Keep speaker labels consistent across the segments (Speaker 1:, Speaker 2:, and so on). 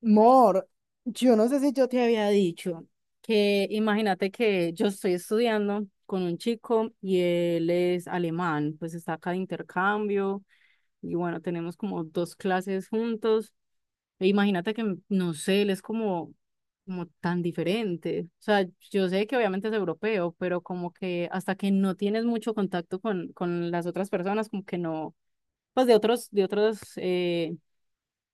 Speaker 1: Mor, yo no sé si yo te había dicho que imagínate que yo estoy estudiando con un chico y él es alemán, pues está acá de intercambio y bueno, tenemos como dos clases juntos. E imagínate que, no sé, él es como tan diferente. O sea, yo sé que obviamente es europeo, pero como que hasta que no tienes mucho contacto con las otras personas, como que no, pues de otros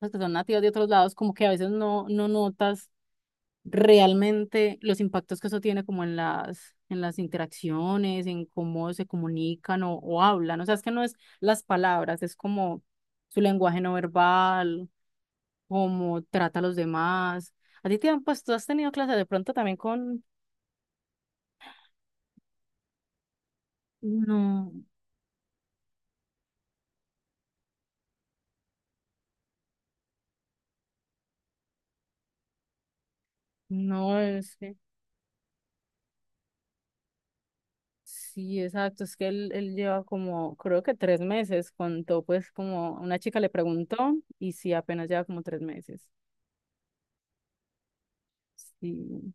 Speaker 1: los que son nativos de otros lados, como que a veces no notas realmente los impactos que eso tiene como en las interacciones, en cómo se comunican o hablan. O sea, es que no es las palabras, es como su lenguaje no verbal, cómo trata a los demás. A ti te han, pues tú has tenido clases de pronto también con... No, no, es que... Sí, exacto. Es que él lleva como, creo que 3 meses. Contó, pues, como una chica le preguntó, y sí, apenas lleva como 3 meses. Sí,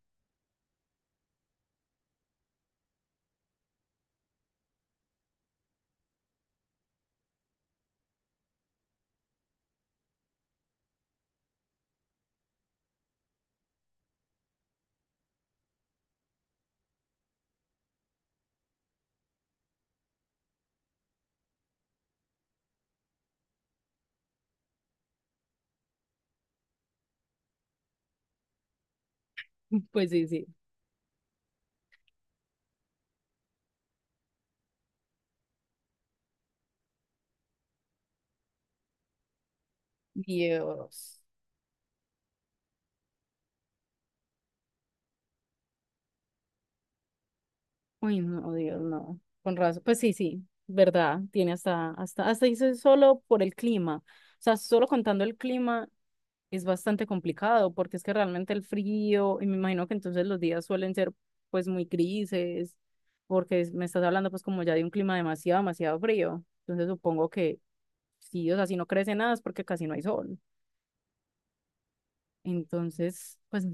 Speaker 1: pues sí, sí. Dios. Uy, no, Dios, no. Con razón. Pues sí, sí, verdad. Tiene hasta dice solo por el clima. O sea, solo contando el clima es bastante complicado porque es que realmente el frío, y me imagino que entonces los días suelen ser pues muy grises, porque me estás hablando pues como ya de un clima demasiado, demasiado frío. Entonces supongo que sí, o sea, si no crece nada es porque casi no hay sol. Entonces, pues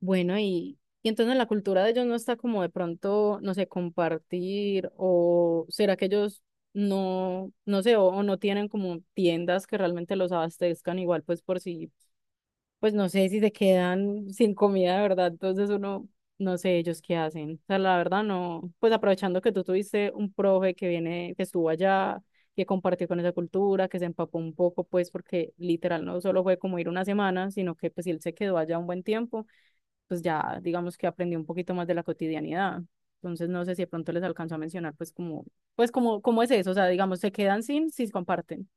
Speaker 1: bueno, y entonces la cultura de ellos no está como de pronto, no sé, compartir o será que ellos no, no sé, o no tienen como tiendas que realmente los abastezcan igual, pues por si, pues no sé si se quedan sin comida de verdad, entonces uno, no sé ellos qué hacen. O sea, la verdad no, pues aprovechando que tú tuviste un profe que viene, que estuvo allá, que compartió con esa cultura, que se empapó un poco, pues porque literal no solo fue como ir una semana, sino que pues sí, él se quedó allá un buen tiempo pues ya digamos que aprendí un poquito más de la cotidianidad. Entonces no sé si de pronto les alcanzo a mencionar pues como, cómo es eso, o sea, digamos, se quedan sin si comparten.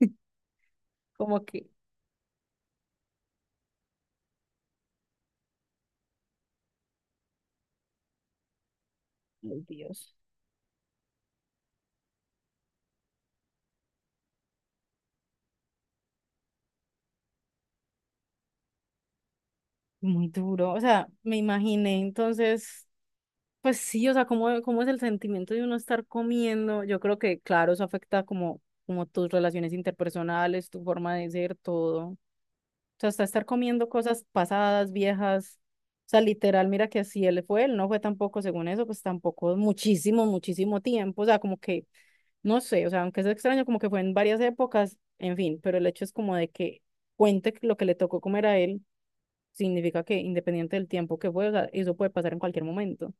Speaker 1: Como que, ay, Dios, muy duro. O sea, me imaginé entonces, pues sí, o sea, cómo es el sentimiento de uno estar comiendo. Yo creo que, claro, eso afecta como, como tus relaciones interpersonales, tu forma de ser, todo. O sea, hasta estar comiendo cosas pasadas, viejas. O sea, literal, mira que si él fue, él no fue tampoco, según eso, pues tampoco muchísimo, muchísimo tiempo. O sea, como que, no sé, o sea, aunque es extraño, como que fue en varias épocas, en fin, pero el hecho es como de que cuente lo que le tocó comer a él, significa que independiente del tiempo que fue, o sea, eso puede pasar en cualquier momento.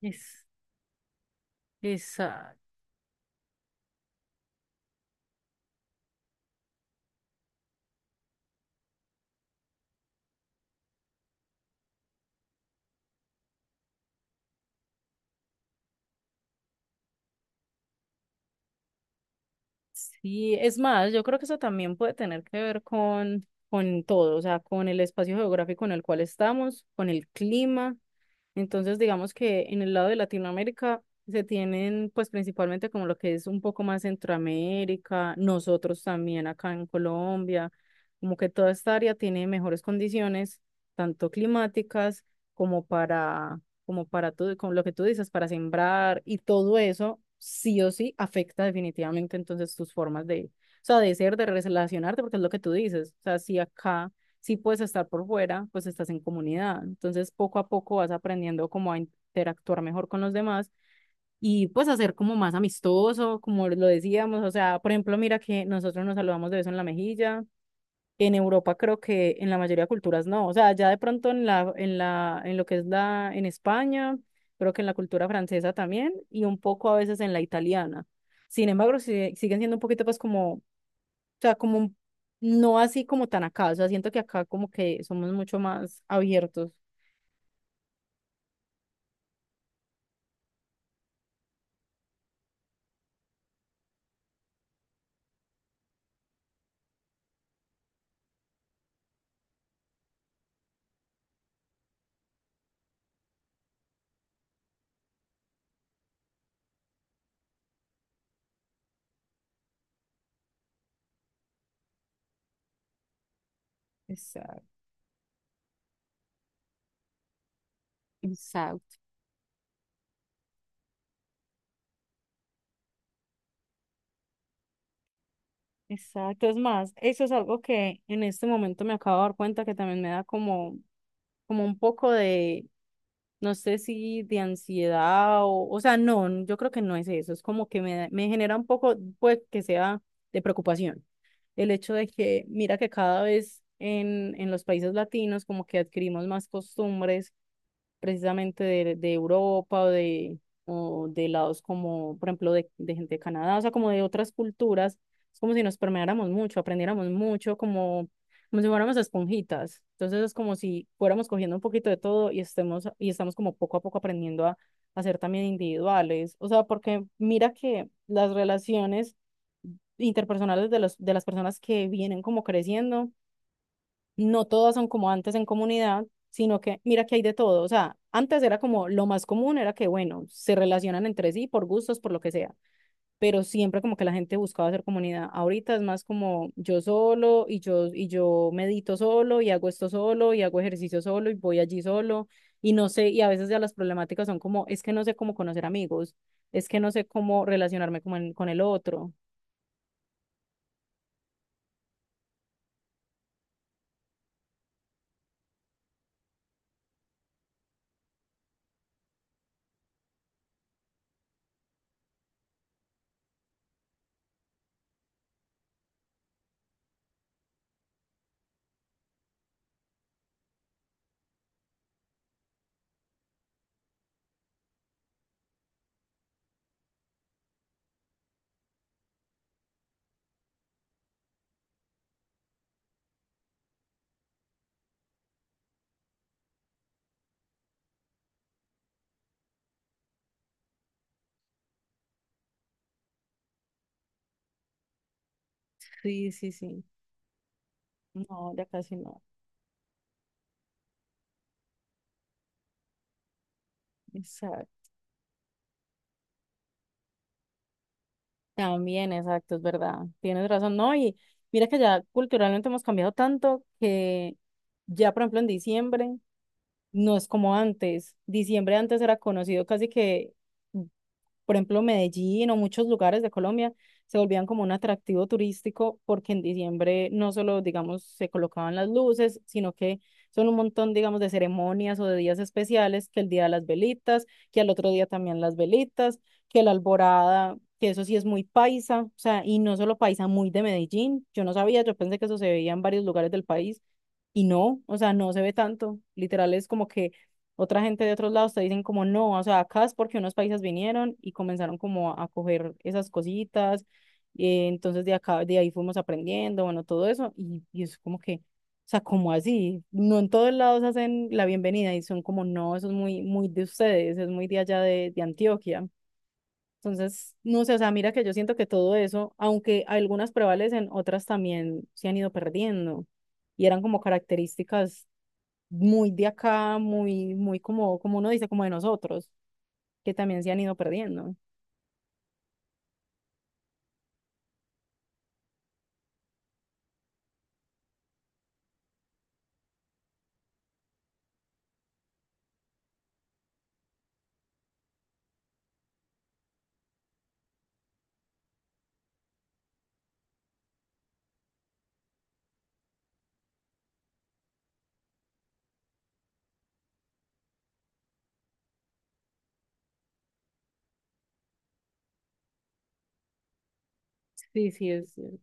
Speaker 1: Es, esa- Sí, es más, yo creo que eso también puede tener que ver con todo, o sea, con el espacio geográfico en el cual estamos, con el clima, entonces, digamos que en el lado de Latinoamérica se tienen pues principalmente como lo que es un poco más Centroamérica, nosotros también acá en Colombia, como que toda esta área tiene mejores condiciones, tanto climáticas como para, como para como lo que tú dices, para sembrar y todo eso sí o sí afecta definitivamente entonces tus formas de, o sea, de ser, de relacionarte, porque es lo que tú dices, o sea, si acá si puedes estar por fuera, pues estás en comunidad. Entonces, poco a poco vas aprendiendo como a interactuar mejor con los demás y pues hacer como más amistoso, como lo decíamos. O sea, por ejemplo, mira que nosotros nos saludamos de beso en la mejilla. En Europa creo que en la mayoría de culturas no. O sea, ya de pronto en la, en la, en lo que es la, en España, creo que en la cultura francesa también y un poco a veces en la italiana. Sin embargo, siguen siendo un poquito pues como sea, como no así como tan acá, o sea, siento que acá como que somos mucho más abiertos. Exacto. Exacto. Exacto, es más, eso es algo que en este momento me acabo de dar cuenta que también me da como, como un poco de, no sé si de ansiedad o sea, no, yo creo que no es eso, es como que me, me genera un poco, pues, que sea de preocupación. El hecho de que, mira que cada vez en los países latinos como que adquirimos más costumbres precisamente de Europa o de lados como, por ejemplo, de gente de Canadá, o sea, como de otras culturas. Es como si nos permeáramos mucho, aprendiéramos mucho, como, como si fuéramos esponjitas. Entonces es como si fuéramos cogiendo un poquito de todo y estemos, y estamos como poco a poco aprendiendo a ser también individuales. O sea, porque mira que las relaciones interpersonales de los, de las personas que vienen como creciendo no todas son como antes en comunidad, sino que mira que hay de todo. O sea, antes era como lo más común era que, bueno, se relacionan entre sí por gustos, por lo que sea, pero siempre como que la gente buscaba hacer comunidad. Ahorita es más como yo solo y yo medito solo y hago esto solo y hago ejercicio solo y voy allí solo y no sé, y a veces ya las problemáticas son como, es que no sé cómo conocer amigos, es que no sé cómo relacionarme con el otro. Sí, sí, sí. No, ya casi no. Exacto. También, exacto, es verdad. Tienes razón, ¿no? Y mira que ya culturalmente hemos cambiado tanto que ya, por ejemplo, en diciembre no es como antes. Diciembre antes era conocido casi que por ejemplo, Medellín o muchos lugares de Colombia se volvían como un atractivo turístico porque en diciembre no solo, digamos, se colocaban las luces, sino que son un montón, digamos, de ceremonias o de días especiales, que el día de las velitas, que al otro día también las velitas, que la alborada, que eso sí es muy paisa, o sea, y no solo paisa, muy de Medellín. Yo no sabía, yo pensé que eso se veía en varios lugares del país. Y no, o sea, no se ve tanto. Literal es como que otra gente de otros lados te dicen como no, o sea, acá es porque unos países vinieron y comenzaron como a coger esas cositas, entonces de acá, de ahí fuimos aprendiendo, bueno, todo eso, y es como que, o sea, como así, no en todos lados hacen la bienvenida y son como no, eso es muy, muy de ustedes, es muy de allá de Antioquia. Entonces, no sé, o sea, mira que yo siento que todo eso, aunque algunas prevalecen, otras también se han ido perdiendo y eran como características muy de acá, muy, muy como, como uno dice, como de nosotros, que también se han ido perdiendo. Sí, sí, es cierto.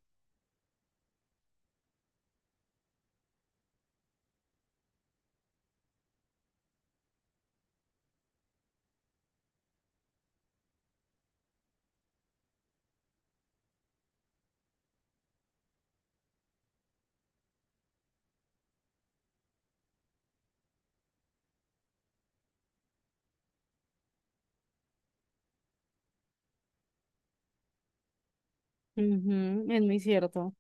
Speaker 1: Ujú, es muy cierto.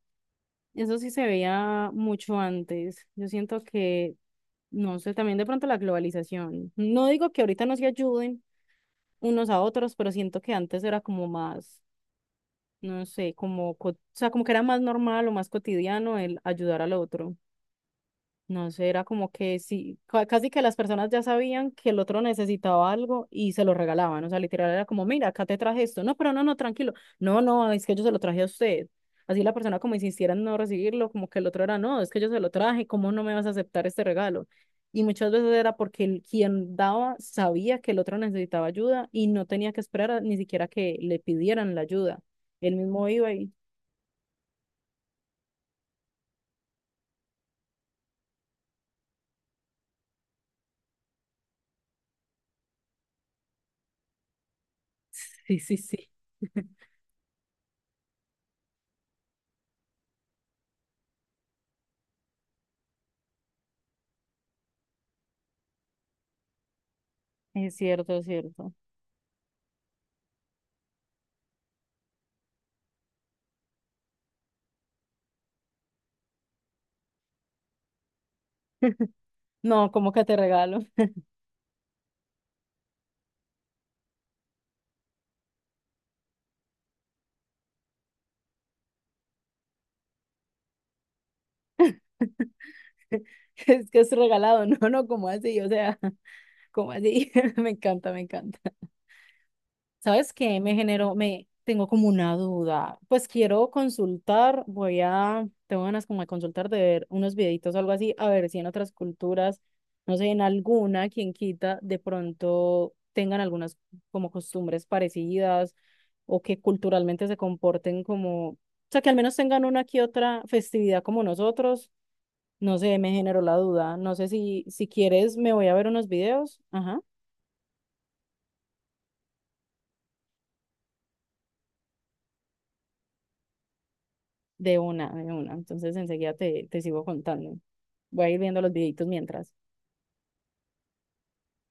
Speaker 1: Eso sí se veía mucho antes. Yo siento que, no sé, también de pronto la globalización. No digo que ahorita no se ayuden unos a otros, pero siento que antes era como más, no sé, como, o sea, como que era más normal o más cotidiano el ayudar al otro. No sé, era como que sí, casi que las personas ya sabían que el otro necesitaba algo y se lo regalaban. O sea, literal era como, mira, acá te traje esto. No, pero no, no, tranquilo. No, no, es que yo se lo traje a usted. Así la persona como insistiera en no recibirlo, como que el otro era, no, es que yo se lo traje, ¿cómo no me vas a aceptar este regalo? Y muchas veces era porque el, quien daba sabía que el otro necesitaba ayuda y no tenía que esperar ni siquiera que le pidieran la ayuda. Él mismo iba y... Sí, sí, sí. Es cierto, es cierto. No, ¿cómo que te regalo? Es que es regalado, no, no, ¿cómo así? O sea, ¿cómo así? Me encanta, me encanta. ¿Sabes qué? Me generó, me tengo como una duda. Pues quiero consultar, voy a, tengo ganas como de consultar, de ver unos videitos o algo así, a ver si en otras culturas, no sé, en alguna, quien quita, de pronto tengan algunas como costumbres parecidas o que culturalmente se comporten como, o sea, que al menos tengan una que otra festividad como nosotros. No sé, me generó la duda. No sé si, si quieres, me voy a ver unos videos. Ajá. De una, de una. Entonces enseguida te, te sigo contando. Voy a ir viendo los videitos mientras.